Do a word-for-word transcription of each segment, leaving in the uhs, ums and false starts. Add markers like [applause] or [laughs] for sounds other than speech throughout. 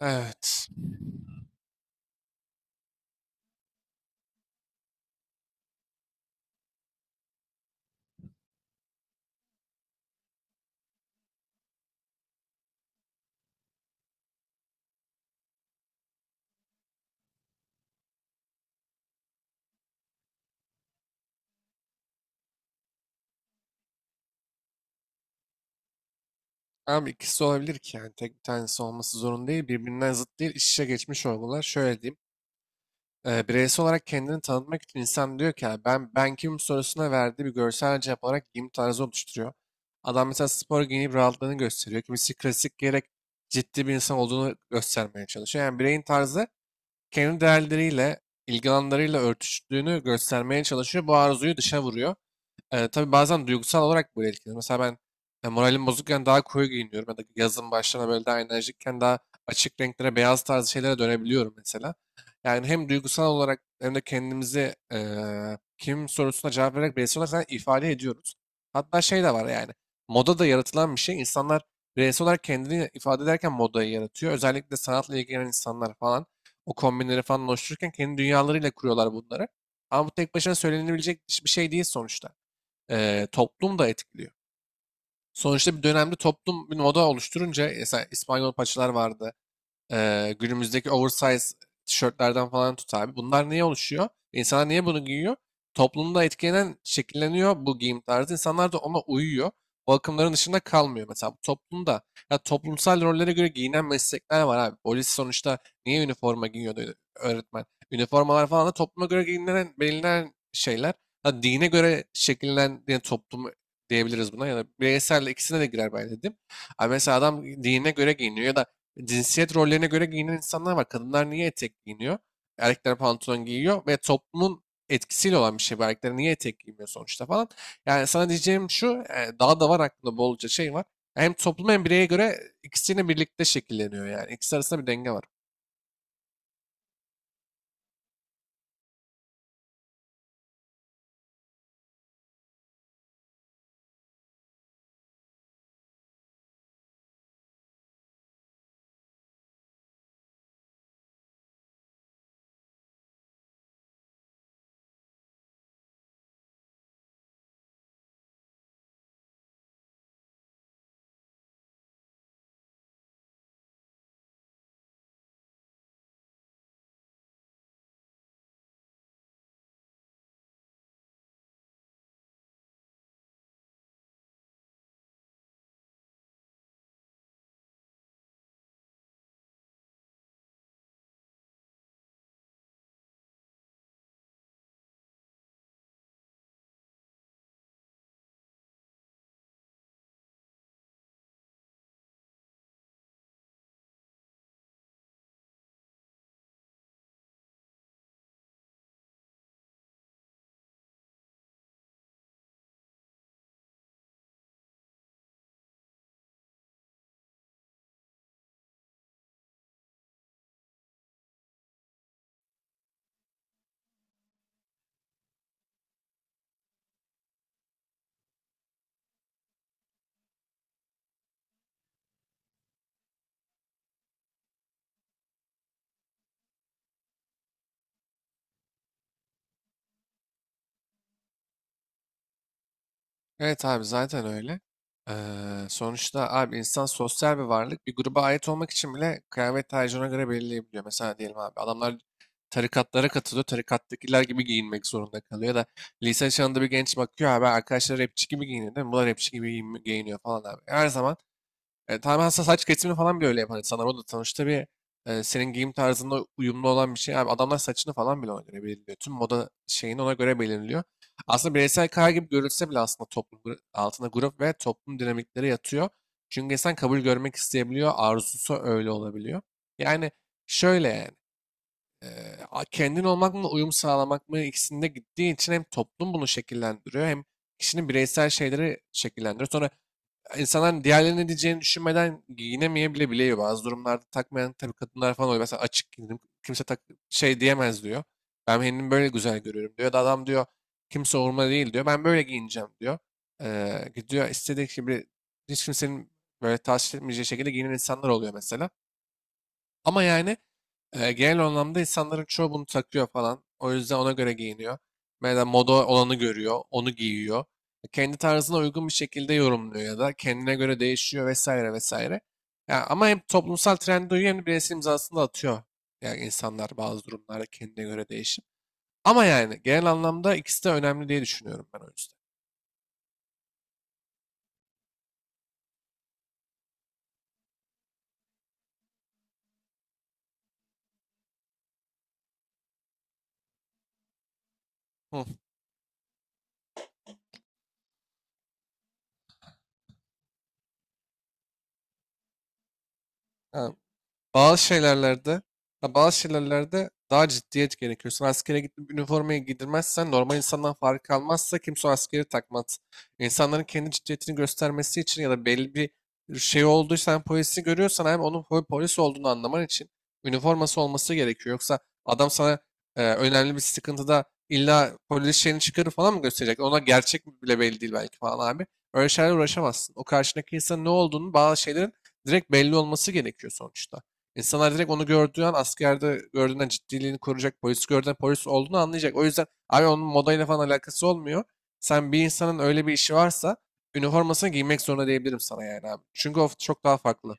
Evet. Ama ikisi olabilir ki yani tek bir tanesi olması zorunda değil. Birbirinden zıt değil. İç içe geçmiş olmalar. Şöyle diyeyim. Ee, bireysel olarak kendini tanıtmak için insan diyor ki "Yani ben ben kim sorusuna verdiği bir görsel cevap olarak giyim tarzı oluşturuyor. Adam mesela spor giyinip rahatlığını gösteriyor. Kimisi klasik giyerek ciddi bir insan olduğunu göstermeye çalışıyor. Yani bireyin tarzı kendi değerleriyle, ilgi alanlarıyla örtüştüğünü göstermeye çalışıyor. Bu arzuyu dışa vuruyor. E, tabii bazen duygusal olarak böyle etkilenir. Mesela ben e, moralim bozukken daha koyu giyiniyorum ya da yazın başlarına böyle daha enerjikken daha açık renklere, beyaz tarzı şeylere dönebiliyorum mesela. Yani hem duygusal olarak hem de kendimizi e, kim sorusuna cevap vererek bireysel olarak zaten ifade ediyoruz. Hatta şey de var yani moda da yaratılan bir şey. İnsanlar bireysel olarak kendini ifade ederken modayı yaratıyor. Özellikle sanatla ilgilenen insanlar falan o kombinleri falan oluştururken kendi dünyalarıyla kuruyorlar bunları. Ama bu tek başına söylenebilecek bir şey değil sonuçta e, toplum da etkiliyor. Sonuçta bir dönemde toplum bir moda oluşturunca mesela İspanyol paçalar vardı. Ee, günümüzdeki oversize tişörtlerden falan tut abi. Bunlar niye oluşuyor? İnsanlar niye bunu giyiyor? Toplumda etkilenen, şekilleniyor bu giyim tarzı. İnsanlar da ona uyuyor. O akımların dışında kalmıyor. Mesela bu toplumda ya toplumsal rollere göre giyinen meslekler var abi. Polis sonuçta niye üniforma giyiyordu öğretmen? Üniformalar falan da topluma göre giyinen, belirlenen şeyler. Ha, dine göre şekillenen yani toplum diyebiliriz buna ya da bireysel ikisine de girer ben dedim. Abi mesela adam dine göre giyiniyor ya da cinsiyet rollerine göre giyinen insanlar var. Kadınlar niye etek giyiniyor? Erkekler pantolon giyiyor ve toplumun etkisiyle olan bir şey bu. Erkekler niye etek giymiyor sonuçta falan. Yani sana diyeceğim şu, e, daha da var aklımda bolca şey var. Hem toplum hem bireye göre ikisini birlikte şekilleniyor yani. İkisi arasında bir denge var. Evet abi zaten öyle. Eee, Sonuçta abi insan sosyal bir varlık. Bir gruba ait olmak için bile kıyafet tercihine göre belirleyebiliyor. Mesela diyelim abi adamlar tarikatlara katılıyor. Tarikattakiler gibi giyinmek zorunda kalıyor. Ya da lise çağında bir genç bakıyor abi arkadaşlar rapçi gibi giyiniyor değil mi? Bunlar rapçi gibi giyin- giyiniyor falan abi. Her zaman e, tamamen sa- saç kesimini falan bile öyle yapan insanlar. O da sonuçta bir e, senin giyim tarzında uyumlu olan bir şey. Abi adamlar saçını falan bile ona göre belirliyor. Tüm moda şeyini ona göre belirliyor. Aslında bireysel karar gibi görülse bile aslında toplum gru- altında grup ve toplum dinamikleri yatıyor. Çünkü insan kabul görmek isteyebiliyor. Arzusu öyle olabiliyor. Yani şöyle yani. e, a- Kendin olmak mı uyum sağlamak mı ikisinde gittiği için hem toplum bunu şekillendiriyor hem kişinin bireysel şeyleri şekillendiriyor. Sonra insanlar diğerlerinin ne diyeceğini düşünmeden giyinemeye bile biliyor. Bazı durumlarda takmayan tabii kadınlar falan oluyor. Mesela açık giyindim. Kimse tak şey diyemez diyor. Ben kendimi böyle güzel görüyorum diyor. Da adam diyor kimse umurumda değil diyor. Ben böyle giyineceğim diyor. Ee, gidiyor istediği gibi hiç kimsenin böyle tahsis etmeyeceği şekilde giyinen insanlar oluyor mesela. Ama yani e, genel anlamda insanların çoğu bunu takıyor falan. O yüzden ona göre giyiniyor. Mesela moda olanı görüyor, onu giyiyor. Kendi tarzına uygun bir şekilde yorumluyor ya da kendine göre değişiyor vesaire vesaire. Ya ama hem toplumsal trende uyuyor hem de bireysel imzasını da atıyor. Yani insanlar bazı durumlarda kendine göre değişir. Ama yani genel anlamda ikisi de önemli diye düşünüyorum ben o yüzden. Hı, ha, bazı şeylerlerde, ha, bazı şeylerlerde daha ciddiyet gerekiyor. Sen askere gidip üniformayı giydirmezsen normal insandan fark kalmazsa kimse o askeri takmaz. İnsanların kendi ciddiyetini göstermesi için ya da belli bir şey olduysa sen polisi görüyorsan hem onun po- polis olduğunu anlaman için üniforması olması gerekiyor. Yoksa adam sana e, önemli bir sıkıntıda illa polis şeyini çıkarır falan mı gösterecek? Ona gerçek mi bile belli değil belki falan abi. Öyle şeylerle uğraşamazsın. O karşındaki insanın ne olduğunu bazı şeylerin direkt belli olması gerekiyor sonuçta. İnsanlar direkt onu gördüğü an askerde gördüğünden ciddiliğini koruyacak. Polis gördüğünden polis olduğunu anlayacak. O yüzden abi onun modayla falan alakası olmuyor. Sen bir insanın öyle bir işi varsa üniformasını giymek zorunda diyebilirim sana yani abi. Çünkü o çok daha farklı.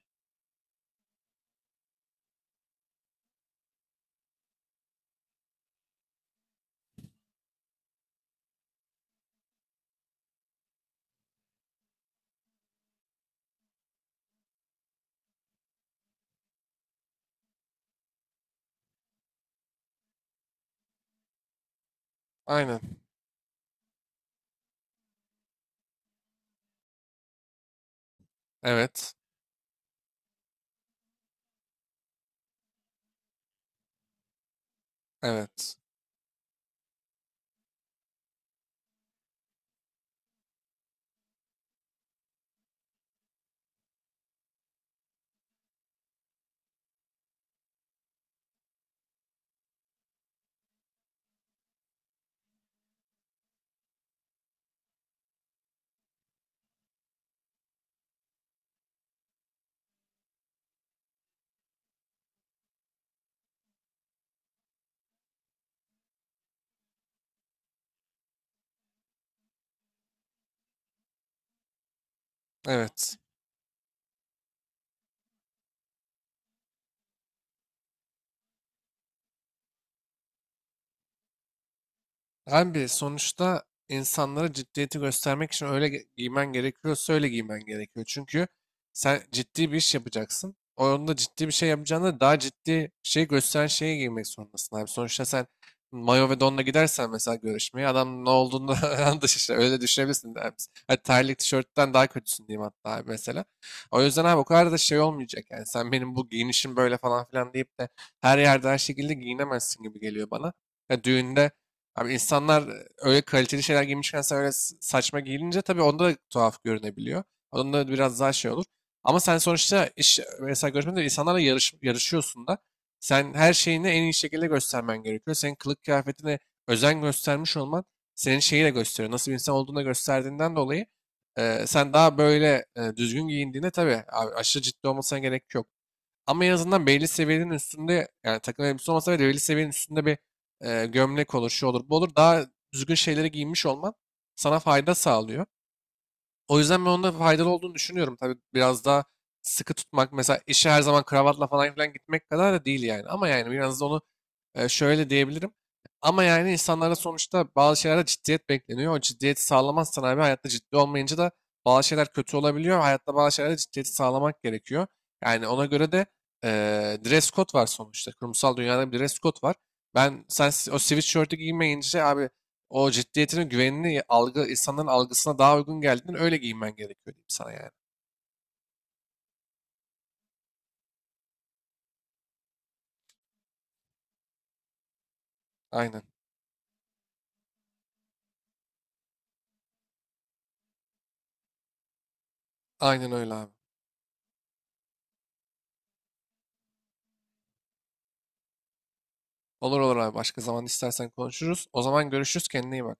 Aynen. Evet. Evet. Evet. Abi sonuçta insanlara ciddiyeti göstermek için öyle ge- giymen gerekiyorsa öyle giymen gerekiyor. Çünkü sen ciddi bir iş yapacaksın. Onda ciddi bir şey yapacağına daha ciddi bir şey gösteren şeyi giymek zorundasın abi. Sonuçta sen mayo ve donla gidersen mesela görüşmeye adam ne olduğunu [laughs] yanlış işte öyle düşünebilirsin abi. Hadi terlik tişörtten daha kötüsün diyeyim hatta abi mesela. O yüzden abi o kadar da şey olmayacak yani sen benim bu giyinişim böyle falan filan deyip de her yerde her şekilde giyinemezsin gibi geliyor bana. Ya düğünde abi insanlar e, öyle kaliteli şeyler giymişken sen öyle s- saçma giyilince tabii onda da tuhaf görünebiliyor. Onda da biraz daha şey olur. Ama sen sonuçta iş, mesela görüşmede insanlarla yarış, yarışıyorsun da sen her şeyini en iyi şekilde göstermen gerekiyor. Senin kılık kıyafetine özen göstermiş olman senin şeyi de gösteriyor. Nasıl bir insan olduğunu da gösterdiğinden dolayı e, sen daha böyle e, düzgün giyindiğinde tabii abi, aşırı ciddi olmasına gerek yok. Ama en azından belli seviyenin üstünde yani takım elbise olmasa bile belli seviyenin üstünde bir e, gömlek olur, şu olur, bu olur. Daha düzgün şeyleri giymiş olman sana fayda sağlıyor. O yüzden ben onda faydalı olduğunu düşünüyorum. Tabii biraz daha sıkı tutmak mesela işe her zaman kravatla falan filan gitmek kadar da değil yani. Ama yani biraz da onu e, şöyle diyebilirim. Ama yani insanlarda sonuçta bazı şeylerde ciddiyet bekleniyor. O ciddiyeti sağlamazsan abi hayatta ciddi olmayınca da bazı şeyler kötü olabiliyor. Hayatta bazı şeylerde ciddiyeti sağlamak gerekiyor. Yani ona göre de e, dress code var sonuçta. Kurumsal dünyada bir dress code var. Ben sen si- o sweatshirt'ü giymeyince abi o ciddiyetinin güvenini algı insanların algısına daha uygun geldiğinden öyle giyinmen gerekiyor diyeyim sana yani. Aynen. Aynen öyle abi. Olur olur abi. Başka zaman istersen konuşuruz. O zaman görüşürüz. Kendine iyi bak.